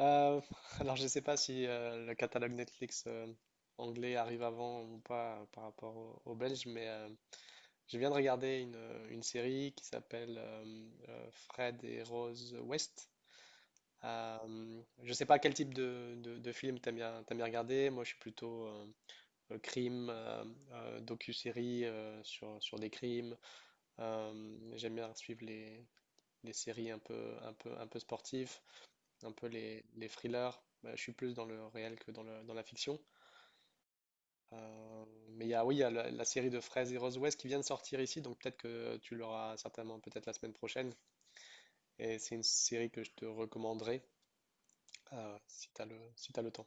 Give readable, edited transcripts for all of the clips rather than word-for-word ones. Euh, alors, je ne sais pas si le catalogue Netflix anglais arrive avant ou pas par rapport au belge, mais je viens de regarder une série qui s'appelle Fred et Rose West. Je ne sais pas quel type de film t'aimes bien regarder. Moi, je suis plutôt crime, docu-série sur des crimes. J'aime bien suivre les séries un peu sportives, un peu les thrillers. Bah, je suis plus dans le réel que dans la fiction. Euh, mais oui, il y a la série de Fraise et Rose West qui vient de sortir ici, donc peut-être que tu l'auras certainement peut-être la semaine prochaine. Et c'est une série que je te recommanderais si si t'as le temps.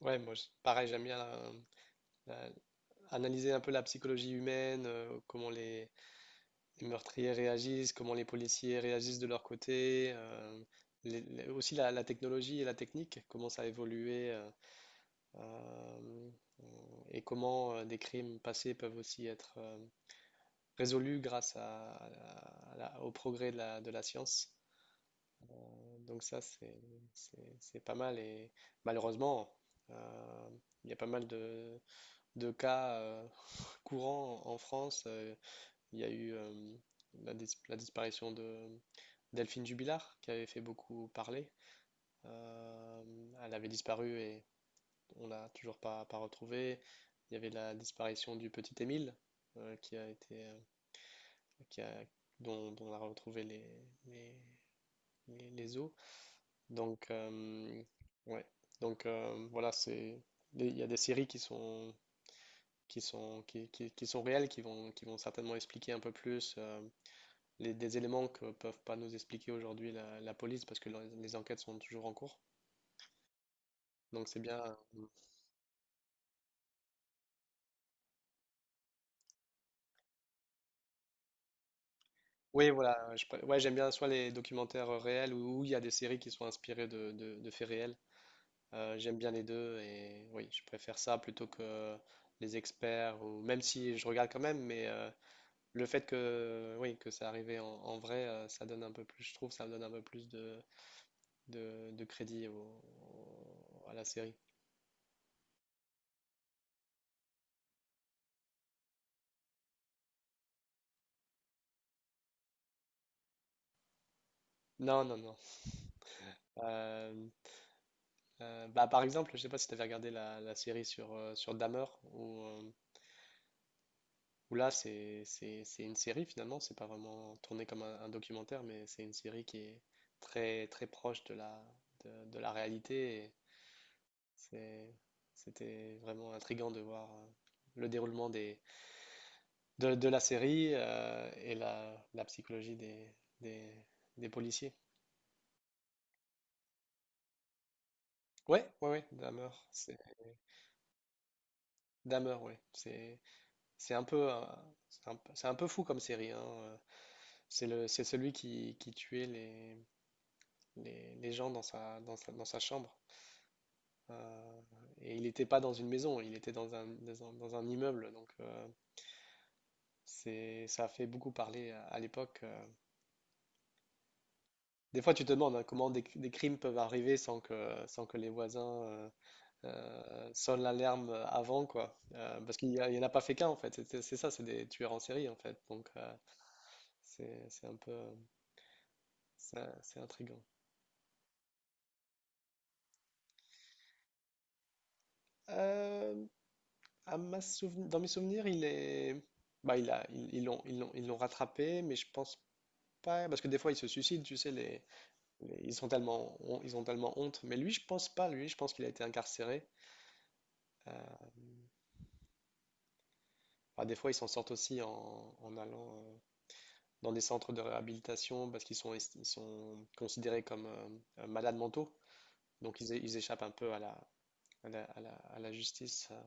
Ouais, moi, pareil, j'aime bien la- analyser un peu la psychologie humaine, comment les meurtriers réagissent, comment les policiers réagissent de leur côté, aussi la technologie et la technique, comment ça a évolué euh, et comment des crimes passés peuvent aussi être résolus grâce à la- au progrès de la science. Donc ça, c'est pas mal et malheureusement, euh, il y a pas mal de cas courants en France. Il y a eu la disparition de Delphine Jubilard, qui avait fait beaucoup parler. Elle avait disparu et on l'a toujours pas retrouvée. Il y avait la disparition du petit Émile, qui a été, qui a- dont on a retrouvé les, les os. Donc, ouais. Donc voilà, il y a des séries qui sont réelles, qui vont certainement expliquer un peu plus des éléments que peuvent pas nous expliquer aujourd'hui la police parce que les enquêtes sont toujours en cours. Donc c'est bien. euh, Oui, voilà. Ouais, j'aime bien soit les documentaires réels ou il y a des séries qui sont inspirées de faits réels. J'aime bien les deux et oui, je préfère ça plutôt que les experts ou même si je regarde quand même, mais le fait que oui que ça arrivait en vrai, ça donne un peu plus, je trouve, ça donne un peu plus de crédit à la série. Non, non, non. Euh, Bah, par exemple, je sais pas si tu avais regardé la série sur Dahmer ou. Où là, c'est une série finalement, c'est pas vraiment tourné comme un documentaire, mais c'est une série qui est très très proche de de la réalité. C'est- C'était vraiment intriguant de voir le déroulement de la série et la psychologie des, des policiers. Ouais, ouais, ouais, Dahmer, ouais, c'est un peu un- c'est un peu fou comme série, hein, c'est celui qui tuait les gens dans sa chambre. Euh, et il n'était pas dans une maison, il était dans un immeuble. Donc ça a fait beaucoup parler à l'époque. Des fois, tu te demandes hein, comment des crimes peuvent arriver sans que les voisins sonnent l'alarme avant, quoi. Parce qu'il n'y en a pas fait qu'un, en fait. C'est ça, c'est des tueurs en série, en fait. Donc c'est un peu. C'est intriguant. Euh, Dans mes souvenirs, il est. Bah, il a... ils ils l'ont ils l'ont- ils l'ont rattrapé, mais je pense pas. Parce que des fois, ils se suicident, tu sais. Ils ont tellement honte. Mais lui, je pense pas. Lui, je pense qu'il a été incarcéré. Euh, Bah, des fois, ils s'en sortent aussi en allant dans des centres de réhabilitation parce qu'ils sont... est- ils sont considérés comme malades mentaux. Donc, ils échappent un peu à la justice.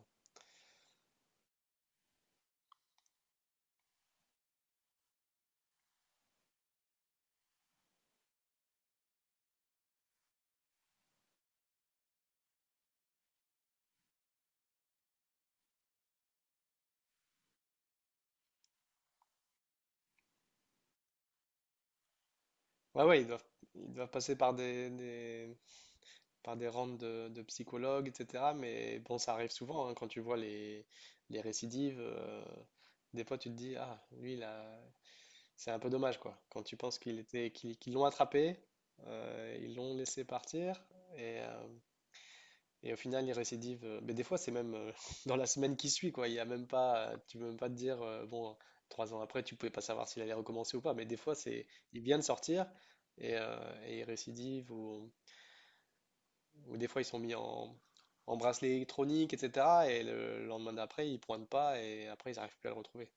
Ouais, ouais, ils doivent passer par des rangs de psychologues, etc. Mais bon, ça arrive souvent hein, quand tu vois les récidives. Des fois, tu te dis, ah, lui, là, c'est un peu dommage, quoi. Quand tu penses qu'ils l'ont attrapé, ils l'ont laissé partir, et, euh, et au final, il récidive. Mais des fois, c'est même dans la semaine qui suit, quoi. Il y a même pas, Tu peux même pas te dire, bon, trois ans après, tu pouvais pas savoir s'il allait recommencer ou pas. Mais des fois, il vient de sortir et il récidive ou. Ou des fois, ils sont mis en bracelet électronique, etc. Et le lendemain d'après, ils pointent pas et après, ils n'arrivent plus à le retrouver.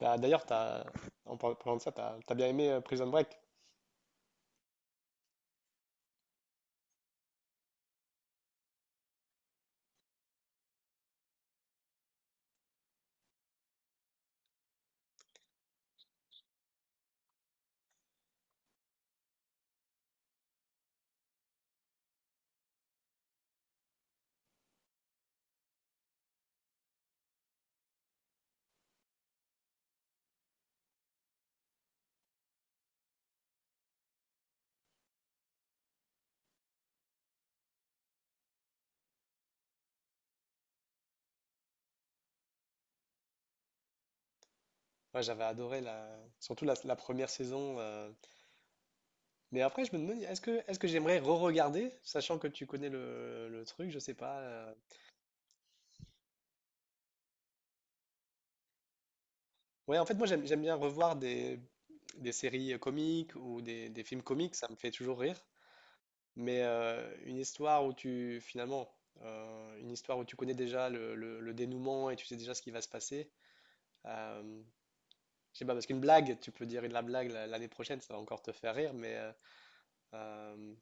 Bah, d'ailleurs, parlant de ça, t'as bien aimé Prison Break. Moi, j'avais adoré surtout la première saison. Mais après, je me demande, est-ce que j'aimerais re-regarder, sachant que tu connais le truc, je sais pas. Ouais, en fait, moi, j'aime bien revoir des séries comiques ou des films comiques, ça me fait toujours rire. Mais une histoire où tu connais déjà le dénouement et tu sais déjà ce qui va se passer. euh, je sais pas, parce qu'une blague, tu peux dire de la blague l'année prochaine, ça va encore te faire rire, mais euh,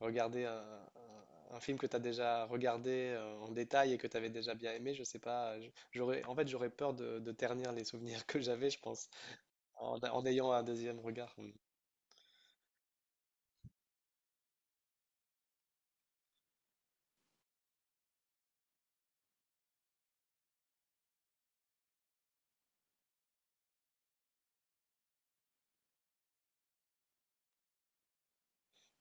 regarder un film que tu as déjà regardé en détail et que tu avais déjà bien aimé, je sais pas, j'aurais peur de ternir les souvenirs que j'avais, je pense, en ayant un deuxième regard. Mm.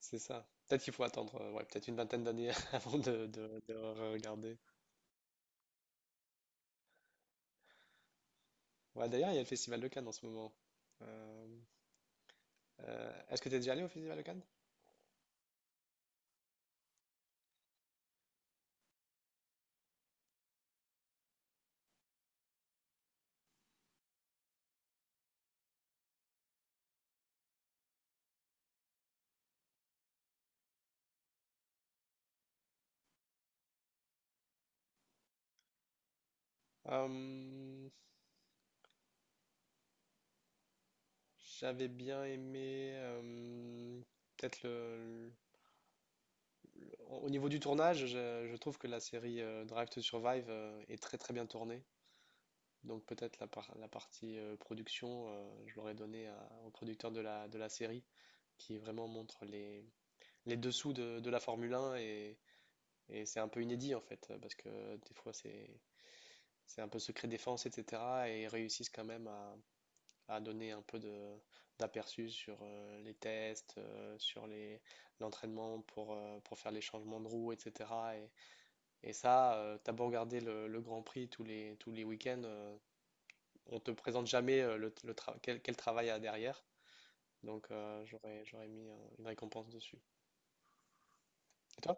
C'est ça. Peut-être qu'il faut attendre, ouais, peut-être une vingtaine d'années avant de regarder. Ouais, d'ailleurs, il y a le Festival de Cannes en ce moment. Euh, Est-ce que tu es déjà allé au Festival de Cannes? Euh, J'avais bien aimé, peut-être au niveau du tournage, je trouve que la série Drive to Survive est très très bien tournée. Donc peut-être la partie production, je l'aurais donnée au producteur de la série, qui vraiment montre les dessous de la Formule 1 et c'est un peu inédit en fait, parce que des fois c'est un peu secret défense, etc. Et ils réussissent quand même à donner un peu de d'aperçu sur les tests, sur les l'entraînement pour faire les changements de roue, etc. Et, et ça, t'as beau regarder le Grand Prix tous les week-ends, on te présente jamais quel travail il y a derrière. Donc j'aurais mis une récompense dessus. Et toi?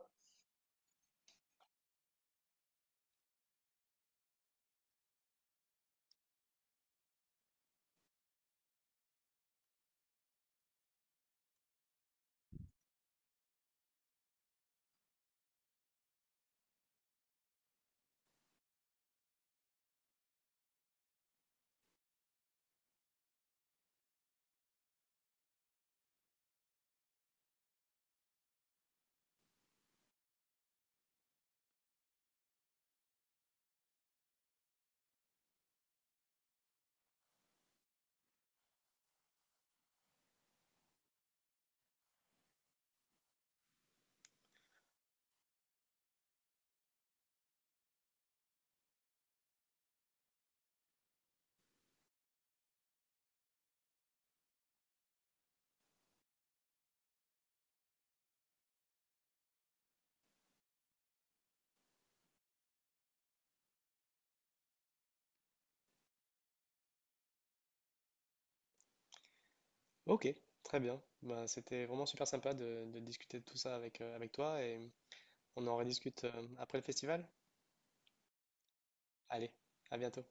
Ok, très bien. Bah, c'était vraiment super sympa de discuter de tout ça avec toi et on en rediscute après le festival. Allez, à bientôt.